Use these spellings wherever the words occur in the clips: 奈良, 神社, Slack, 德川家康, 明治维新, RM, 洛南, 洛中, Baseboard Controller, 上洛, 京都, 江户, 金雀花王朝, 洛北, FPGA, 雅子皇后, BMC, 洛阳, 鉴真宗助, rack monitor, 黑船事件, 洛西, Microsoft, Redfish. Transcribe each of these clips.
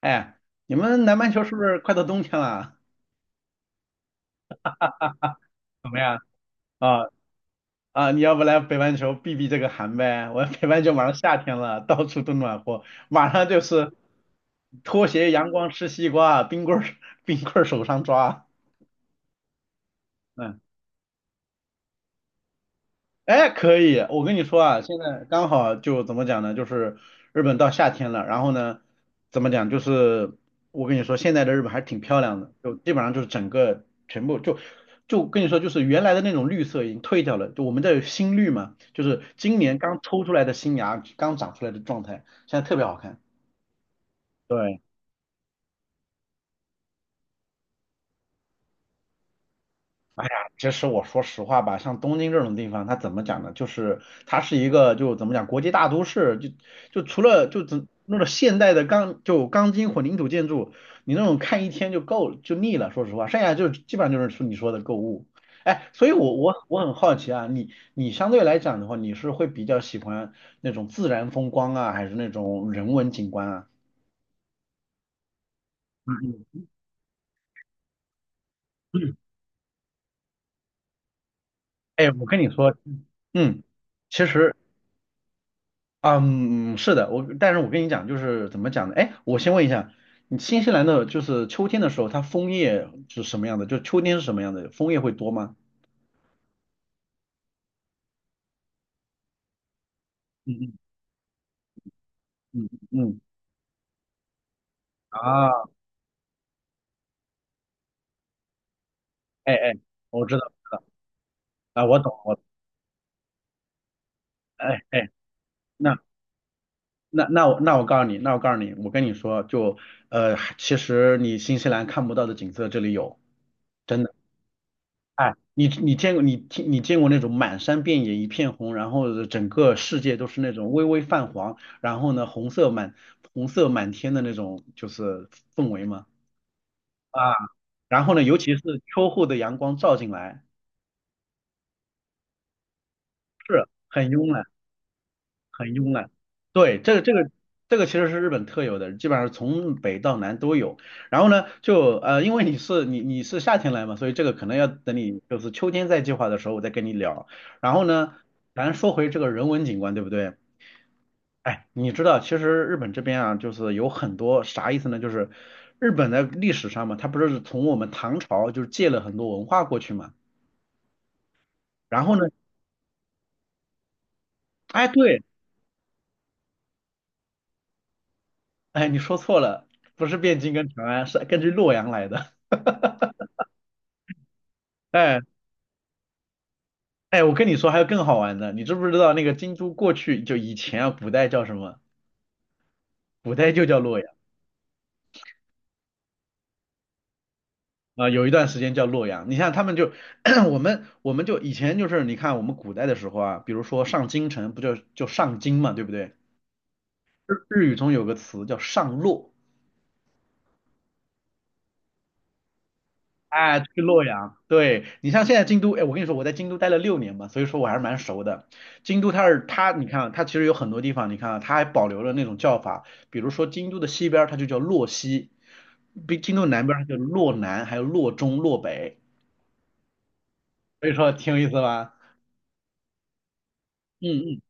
哎，你们南半球是不是快到冬天了？怎么样？啊你要不来北半球避避这个寒呗？我北半球马上夏天了，到处都暖和，马上就是拖鞋、阳光、吃西瓜，冰棍儿、冰棍儿手上抓。嗯。哎，可以，我跟你说啊，现在刚好就怎么讲呢？就是日本到夏天了，然后呢，怎么讲？就是我跟你说，现在的日本还是挺漂亮的，就基本上就是整个全部就跟你说，就是原来的那种绿色已经退掉了，就我们这有新绿嘛，就是今年刚抽出来的新芽，刚长出来的状态，现在特别好看。对，哎呀，其实我说实话吧，像东京这种地方，它怎么讲呢？就是它是一个就怎么讲国际大都市，就除了就怎那种现代的钢筋混凝土建筑，你那种看一天就腻了。说实话，剩下就基本上就是说你说的购物。哎，所以我很好奇啊，你相对来讲的话，你是会比较喜欢那种自然风光啊，还是那种人文景观啊？嗯嗯嗯，哎，我跟你说，嗯，其实。嗯，是的，但是我跟你讲，就是怎么讲呢？哎，我先问一下，你新西兰的就是秋天的时候，它枫叶是什么样的？就秋天是什么样的？枫叶会多吗？嗯嗯嗯嗯啊，哎哎，我知道啊，我懂，哎哎，那那我告诉你，我跟你说，就其实你新西兰看不到的景色这里有。真的。哎，你见过那种满山遍野一片红，然后整个世界都是那种微微泛黄，然后呢红色满天的那种就是氛围吗？啊，然后呢，尤其是秋后的阳光照进来，是很慵懒。很慵懒。对，这个其实是日本特有的，基本上从北到南都有。然后呢，就因为你是夏天来嘛，所以这个可能要等你就是秋天再计划的时候，我再跟你聊。然后呢，咱说回这个人文景观，对不对？哎，你知道，其实日本这边啊，就是有很多啥意思呢？就是日本在历史上嘛，它不是从我们唐朝就是借了很多文化过去嘛。然后呢，哎，对，哎，你说错了，不是汴京跟长安，是根据洛阳来的。哎哎，我跟你说，还有更好玩的，你知不知道那个京都过去就以前啊，古代叫什么？古代就叫洛阳啊，有一段时间叫洛阳。你像他们就 我们就以前就是你看我们古代的时候啊，比如说上京城不就就上京嘛，对不对？日语中有个词叫上洛。哎，去洛阳，对你像现在京都，哎，我跟你说，我在京都待了6年嘛，所以说我还是蛮熟的。京都它，你看啊它其实有很多地方，你看啊它还保留了那种叫法，比如说京都的西边儿它就叫洛西，比京都南边儿它叫洛南，还有洛中、洛北，所以说挺有意思吧？嗯嗯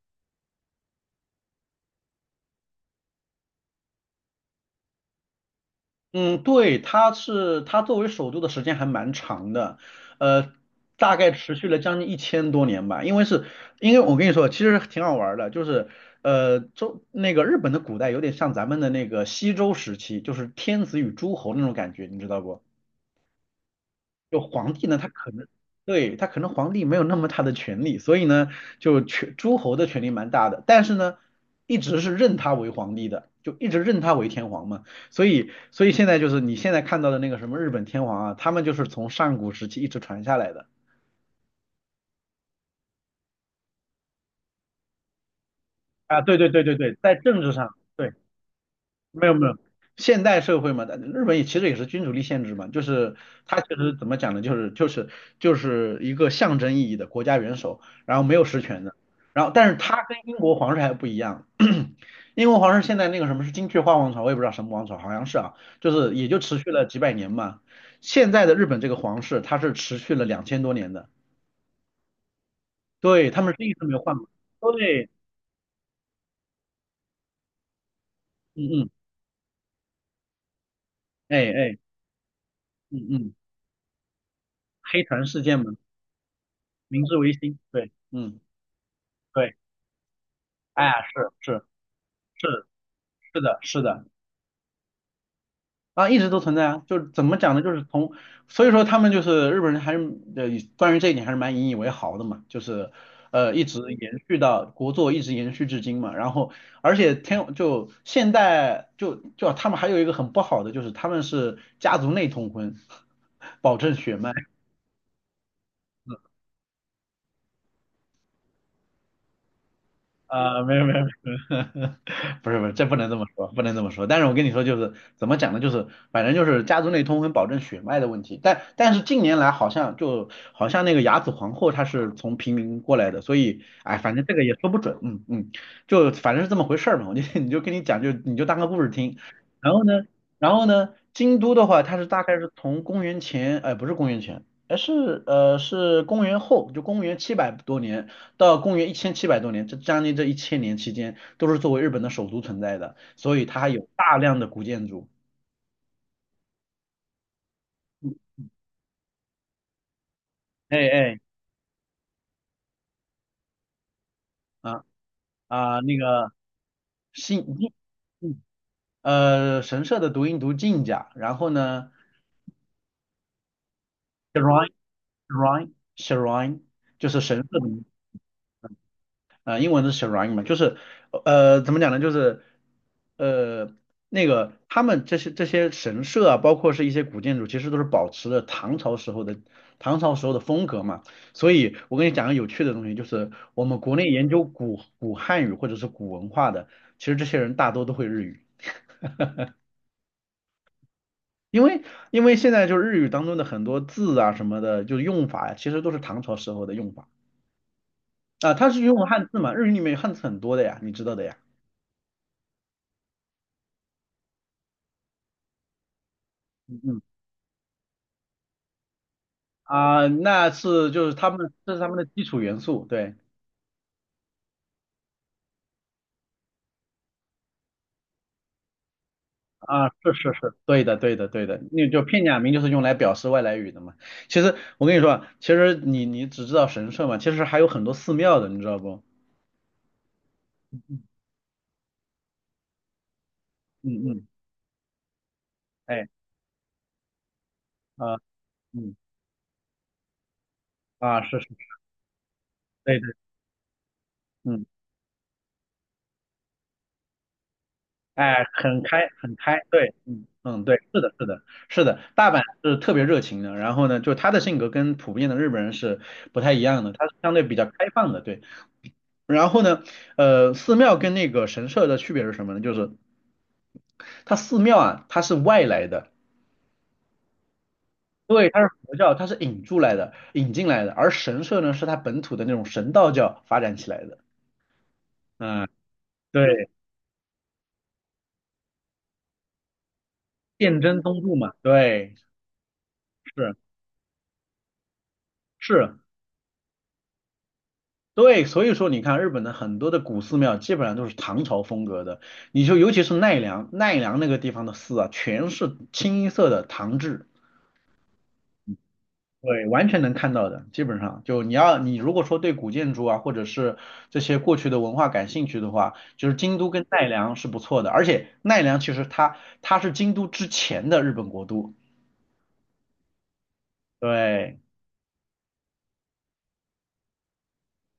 嗯，对，它作为首都的时间还蛮长的，呃，大概持续了将近1000多年吧。因为我跟你说，其实挺好玩儿的，就是那个日本的古代有点像咱们的那个西周时期，就是天子与诸侯那种感觉，你知道不？就皇帝呢，他可能对，他可能皇帝没有那么大的权力，所以呢，就权诸侯的权力蛮大的，但是呢，一直是认他为皇帝的，就一直认他为天皇嘛。所以现在就是你现在看到的那个什么日本天皇啊，他们就是从上古时期一直传下来的啊。对对对对对，在政治上。对。没有没有，现代社会嘛，但日本也其实也是君主立宪制嘛，就是它其实怎么讲呢，就是一个象征意义的国家元首，然后没有实权的，然后但是它跟英国皇室还不一样，英国皇室现在那个什么是金雀花王朝，我也不知道什么王朝，好像是啊，就是也就持续了几百年嘛，现在的日本这个皇室它是持续了2000多年的，对，他们是一直没有换嘛，对，嗯嗯，哎哎，嗯嗯，黑船事件嘛，明治维新，对，嗯。对。哎，是是是，是的，是的，啊，一直都存在啊，就是怎么讲呢？就是从，所以说他们就是日本人还是呃，关于这一点还是蛮引以为豪的嘛，就是一直延续到一直延续至今嘛。然后，而且现代他们还有一个很不好的就是他们是家族内通婚，保证血脉。啊，没有没有没有，不是不是，这不能这么说，不能这么说。但是我跟你说，就是怎么讲呢？就是反正就是家族内通婚保证血脉的问题。但是近年来好像那个雅子皇后她是从平民过来的，所以哎，反正这个也说不准，嗯嗯，就反正是这么回事儿嘛。我就 你就跟你讲，就你就当个故事听。然后呢，京都的话，它是大概是从公元前，哎，不是公元前，哎，是公元后，就公元七百多年。到公元一千七百多年，这将近这1000年期间，都是作为日本的首都存在的，所以它还有大量的古建筑。哎哎，啊那个信嗯神社的读音读进甲，然后呢 shrine shrine shrine 就是神社的名字啊、英文是 s h a r i n 嘛，就是怎么讲呢？就是呃，那个他们这些神社啊，包括是一些古建筑，其实都是保持了唐朝时候的风格嘛。所以我跟你讲个有趣的东西，就是我们国内研究古汉语或者是古文化的，其实这些人大多都会日语，因为因为现在就是日语当中的很多字啊什么的，就是用法呀，其实都是唐朝时候的用法啊、它是用汉字嘛，日语里面有汉字很多的呀，你知道的呀。嗯嗯啊，那是就是这是他们的基础元素，对，啊，是是是，对的对的对的，那就片假名就是用来表示外来语的嘛。其实我跟你说啊其实你只知道神社嘛，其实还有很多寺庙的，你知道不？嗯嗯，哎啊嗯啊是是，对对嗯哎很开很开，对嗯嗯对，是的是的是的，大阪是特别热情的，然后呢，就他的性格跟普遍的日本人是不太一样的，他是相对比较开放的，对。然后呢，寺庙跟那个神社的区别是什么呢？就是它寺庙啊，它是外来的，对，它是佛教，它是引入来的、引进来的，而神社呢，是它本土的那种神道教发展起来的。嗯，对，鉴真宗助嘛，对，是是，对，所以说你看日本的很多的古寺庙基本上都是唐朝风格的，你就尤其是奈良，奈良那个地方的寺啊，全是清一色的唐制。对，完全能看到的，基本上就你如果说对古建筑啊，或者是这些过去的文化感兴趣的话，就是京都跟奈良是不错的，而且奈良其实它是京都之前的日本国都，对，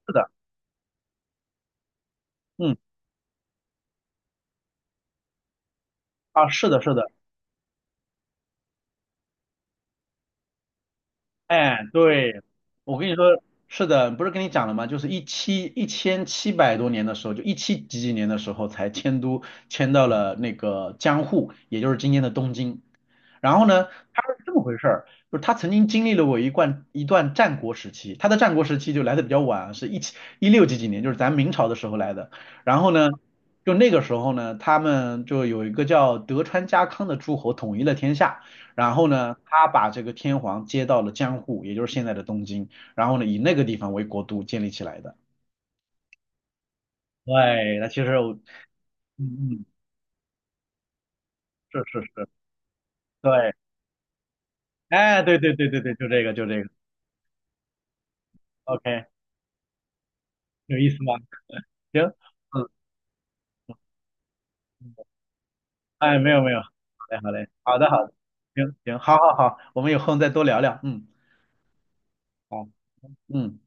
是的，嗯，啊，是的，是的。哎，对，我跟你说，是的，不是跟你讲了吗？就是一千七百多年的时候，就一七几几年的时候才迁到了那个江户，也就是今天的东京。然后呢，他是这么回事儿，就是他曾经经历了我一段一段战国时期，他的战国时期就来的比较晚，是一六几几年，就是咱明朝的时候来的。然后呢，就那个时候呢，他们就有一个叫德川家康的诸侯统一了天下。然后呢，他把这个天皇接到了江户，也就是现在的东京，然后呢，以那个地方为国都建立起来的。对，那其实我嗯嗯，是是是，对，哎，对对对对对，就这个，OK，有意思吗？行，嗯，哎，没有没有，好嘞好嘞，好的好的，行行，好好好，我们有空再多聊聊，嗯，好，嗯。